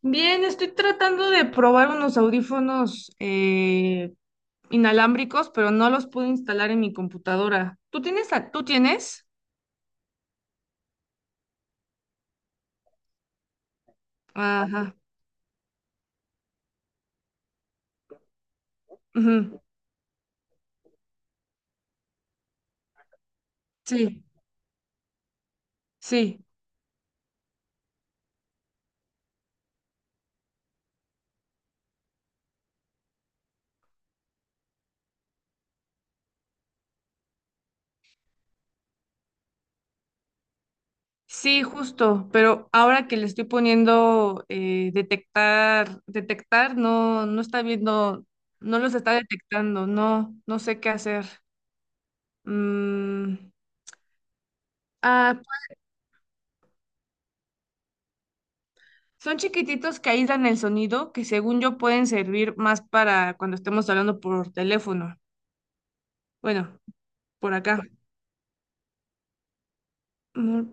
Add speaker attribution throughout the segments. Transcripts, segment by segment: Speaker 1: Bien, estoy tratando de probar unos audífonos inalámbricos, pero no los pude instalar en mi computadora. ¿Tú tienes? ¿Tú tienes? Ajá, ujú, sí, sí, sí, justo. Pero ahora que le estoy poniendo detectar, no, no está viendo, no los está detectando. No, no sé qué hacer. Mm, ah, son chiquititos que aíslan el sonido, que según yo pueden servir más para cuando estemos hablando por teléfono. Bueno, por acá. Mm,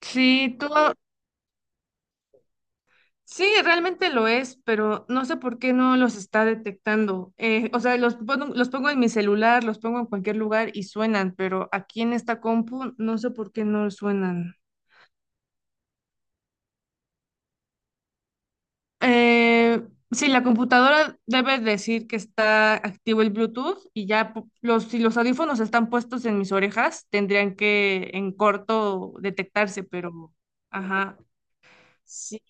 Speaker 1: sí, todo, sí, realmente lo es, pero no sé por qué no los está detectando. O sea, los pongo en mi celular, los pongo en cualquier lugar y suenan, pero aquí en esta compu no sé por qué no suenan. Eh, sí, la computadora debe decir que está activo el Bluetooth y ya los, si los audífonos están puestos en mis orejas, tendrían que en corto detectarse, pero ajá, sí.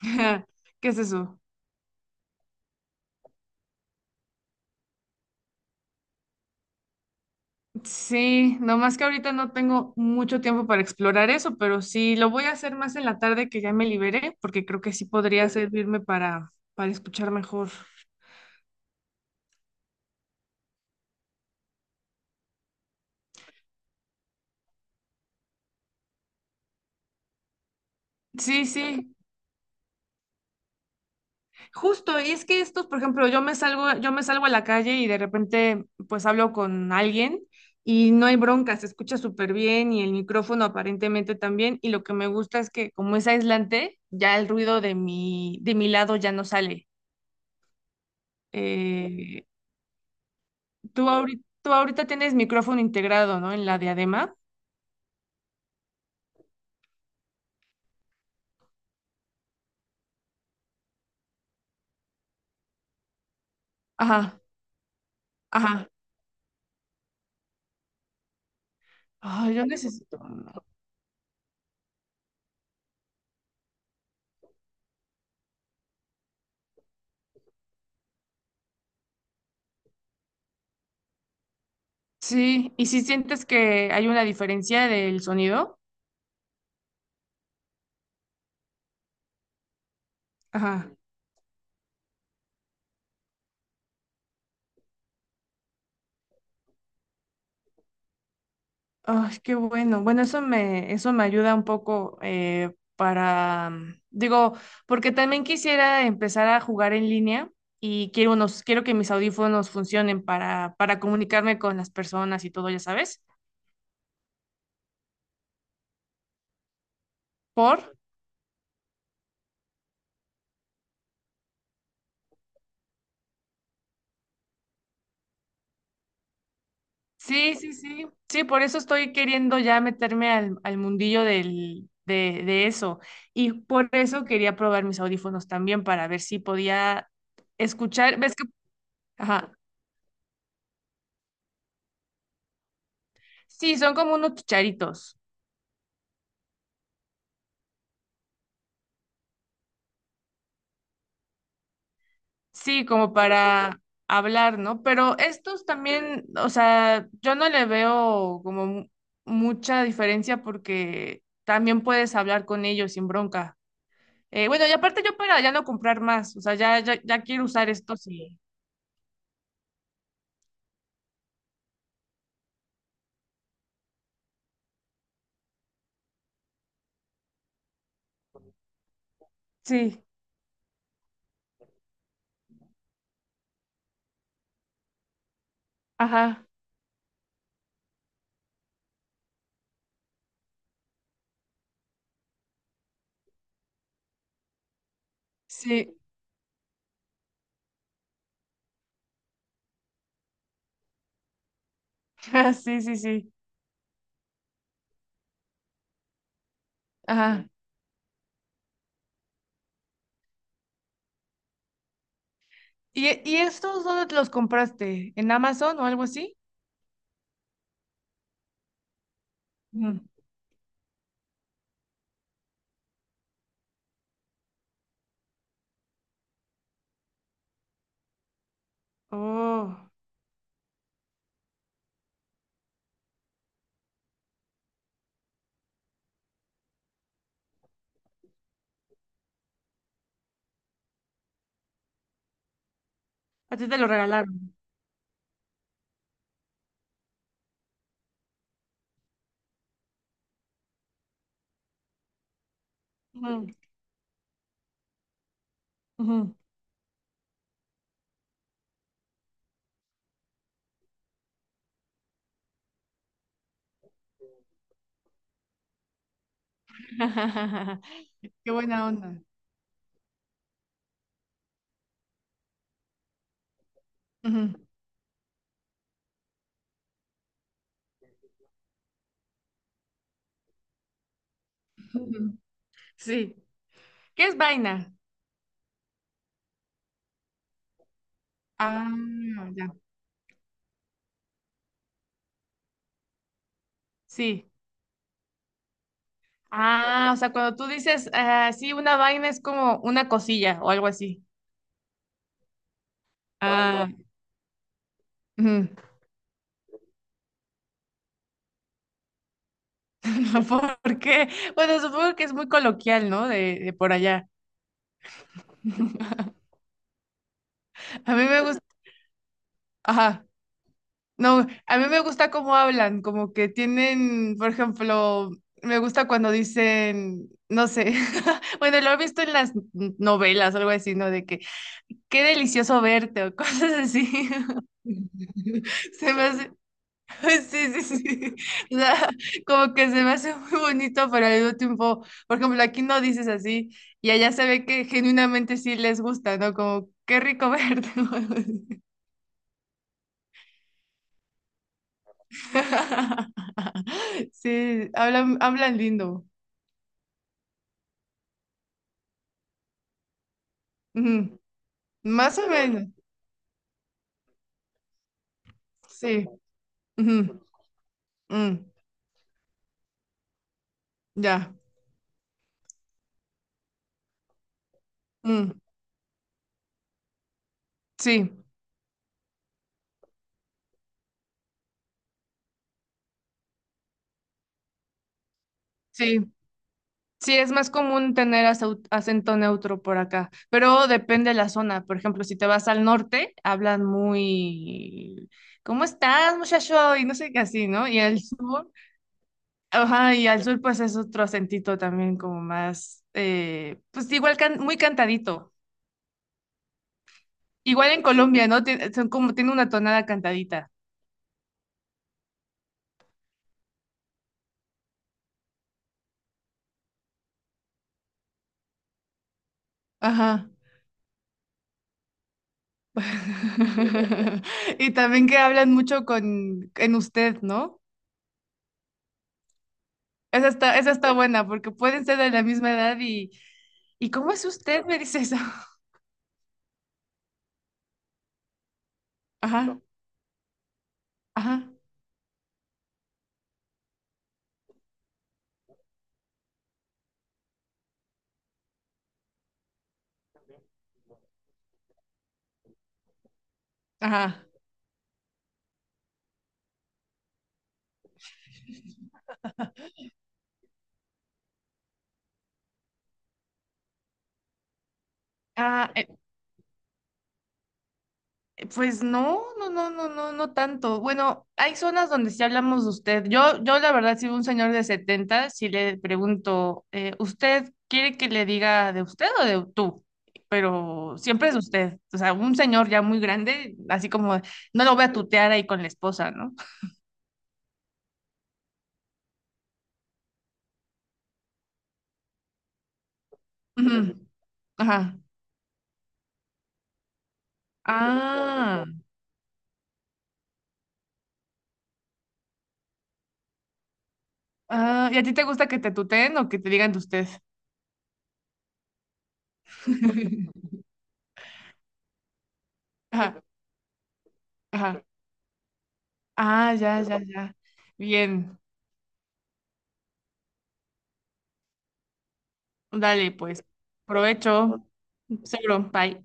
Speaker 1: ¿Qué es eso? Sí, nomás que ahorita no tengo mucho tiempo para explorar eso, pero sí, lo voy a hacer más en la tarde que ya me liberé, porque creo que sí podría servirme para escuchar mejor. Sí, sí. Justo, y es que estos, por ejemplo, yo me salgo a la calle y de repente pues hablo con alguien y no hay bronca, se escucha súper bien y el micrófono aparentemente también, y lo que me gusta es que como es aislante, ya el ruido de mi lado ya no sale. Eh, tú ahorita tienes micrófono integrado, ¿no? En la diadema. Ajá, ajá. Ay, yo necesito uno. Sí, ¿y si sientes que hay una diferencia del sonido? Ajá. Ay, qué bueno. Bueno, eso me ayuda un poco para, mm, digo, porque también quisiera empezar a jugar en línea y quiero unos, quiero que mis audífonos funcionen para comunicarme con las personas y todo, ya sabes. ¿Por? Sí, sí, sí. Sí, por eso estoy queriendo ya meterme al, al mundillo del, de eso. Y por eso quería probar mis audífonos también para ver si podía escuchar. ¿Ves que? Ajá. Sí, son como unos chicharitos. Sí, como para hablar, ¿no? Pero estos también, o sea, yo no le veo como mucha diferencia porque también puedes hablar con ellos sin bronca. Bueno, y aparte yo para ya no comprar más, o sea, ya, ya, ya quiero usar estos y... Sí, ajá, sí, sí, sí, sí, ajá. Y estos dónde los compraste? ¿En Amazon o algo así? Ujú. Oh, a ti te lo regalaron. Ujú, ujú. Qué buena onda. Ujú, ujú. Sí. ¿Qué es vaina? Ah, ya. Sí. Ah, o sea, cuando tú dices, ah, sí, una vaina es como una cosilla o algo así. Ah, ujú. ¿Por qué? Bueno, supongo que es muy coloquial, ¿no? De por allá. A mí me gusta. Ajá. No, a mí me gusta cómo hablan, como que tienen, por ejemplo, me gusta cuando dicen, no sé, bueno, lo he visto en las novelas o algo así, ¿no? De que, qué delicioso verte o cosas así. Se me hace, sí, sí, sí. O sea, como que se me hace muy bonito, pero al mismo tiempo, por ejemplo, aquí no dices así y allá se ve que genuinamente sí les gusta, ¿no? Como, qué rico verte. Sí, hablan, hablan lindo. Ujú. Más o menos, sí. Ujú. Mm, ya. Mm, sí, sí. Sí, es más común tener acento neutro por acá, pero depende de la zona. Por ejemplo, si te vas al norte, hablan muy, ¿cómo estás, muchacho? Y no sé qué así, ¿no? Y al sur, ajá, y al sur pues es otro acentito también como más, pues igual muy cantadito. Igual en Colombia, ¿no? Son como, tiene una tonada cantadita. Ajá. Y también que hablan mucho con en usted, ¿no? Esa está buena, porque pueden ser de la misma edad ¿y cómo es usted? Me dice eso. Ajá, ajá, ajá. Ah, pues no, no, no, no, no, no tanto. Bueno, hay zonas donde sí hablamos de usted. Yo la verdad, si veo un señor de 70, si le pregunto, ¿usted quiere que le diga de usted o de tú? Pero siempre es usted. O sea, un señor ya muy grande, así como no lo voy a tutear ahí con la esposa, ¿no? Ujú. Ajá. Ah, ah, ¿y a ti te gusta que te tuteen o que te digan de usted? Ajá, ajá. Ah, ya, ya, ya. Bien. Dale, pues, provecho, seguro, bye.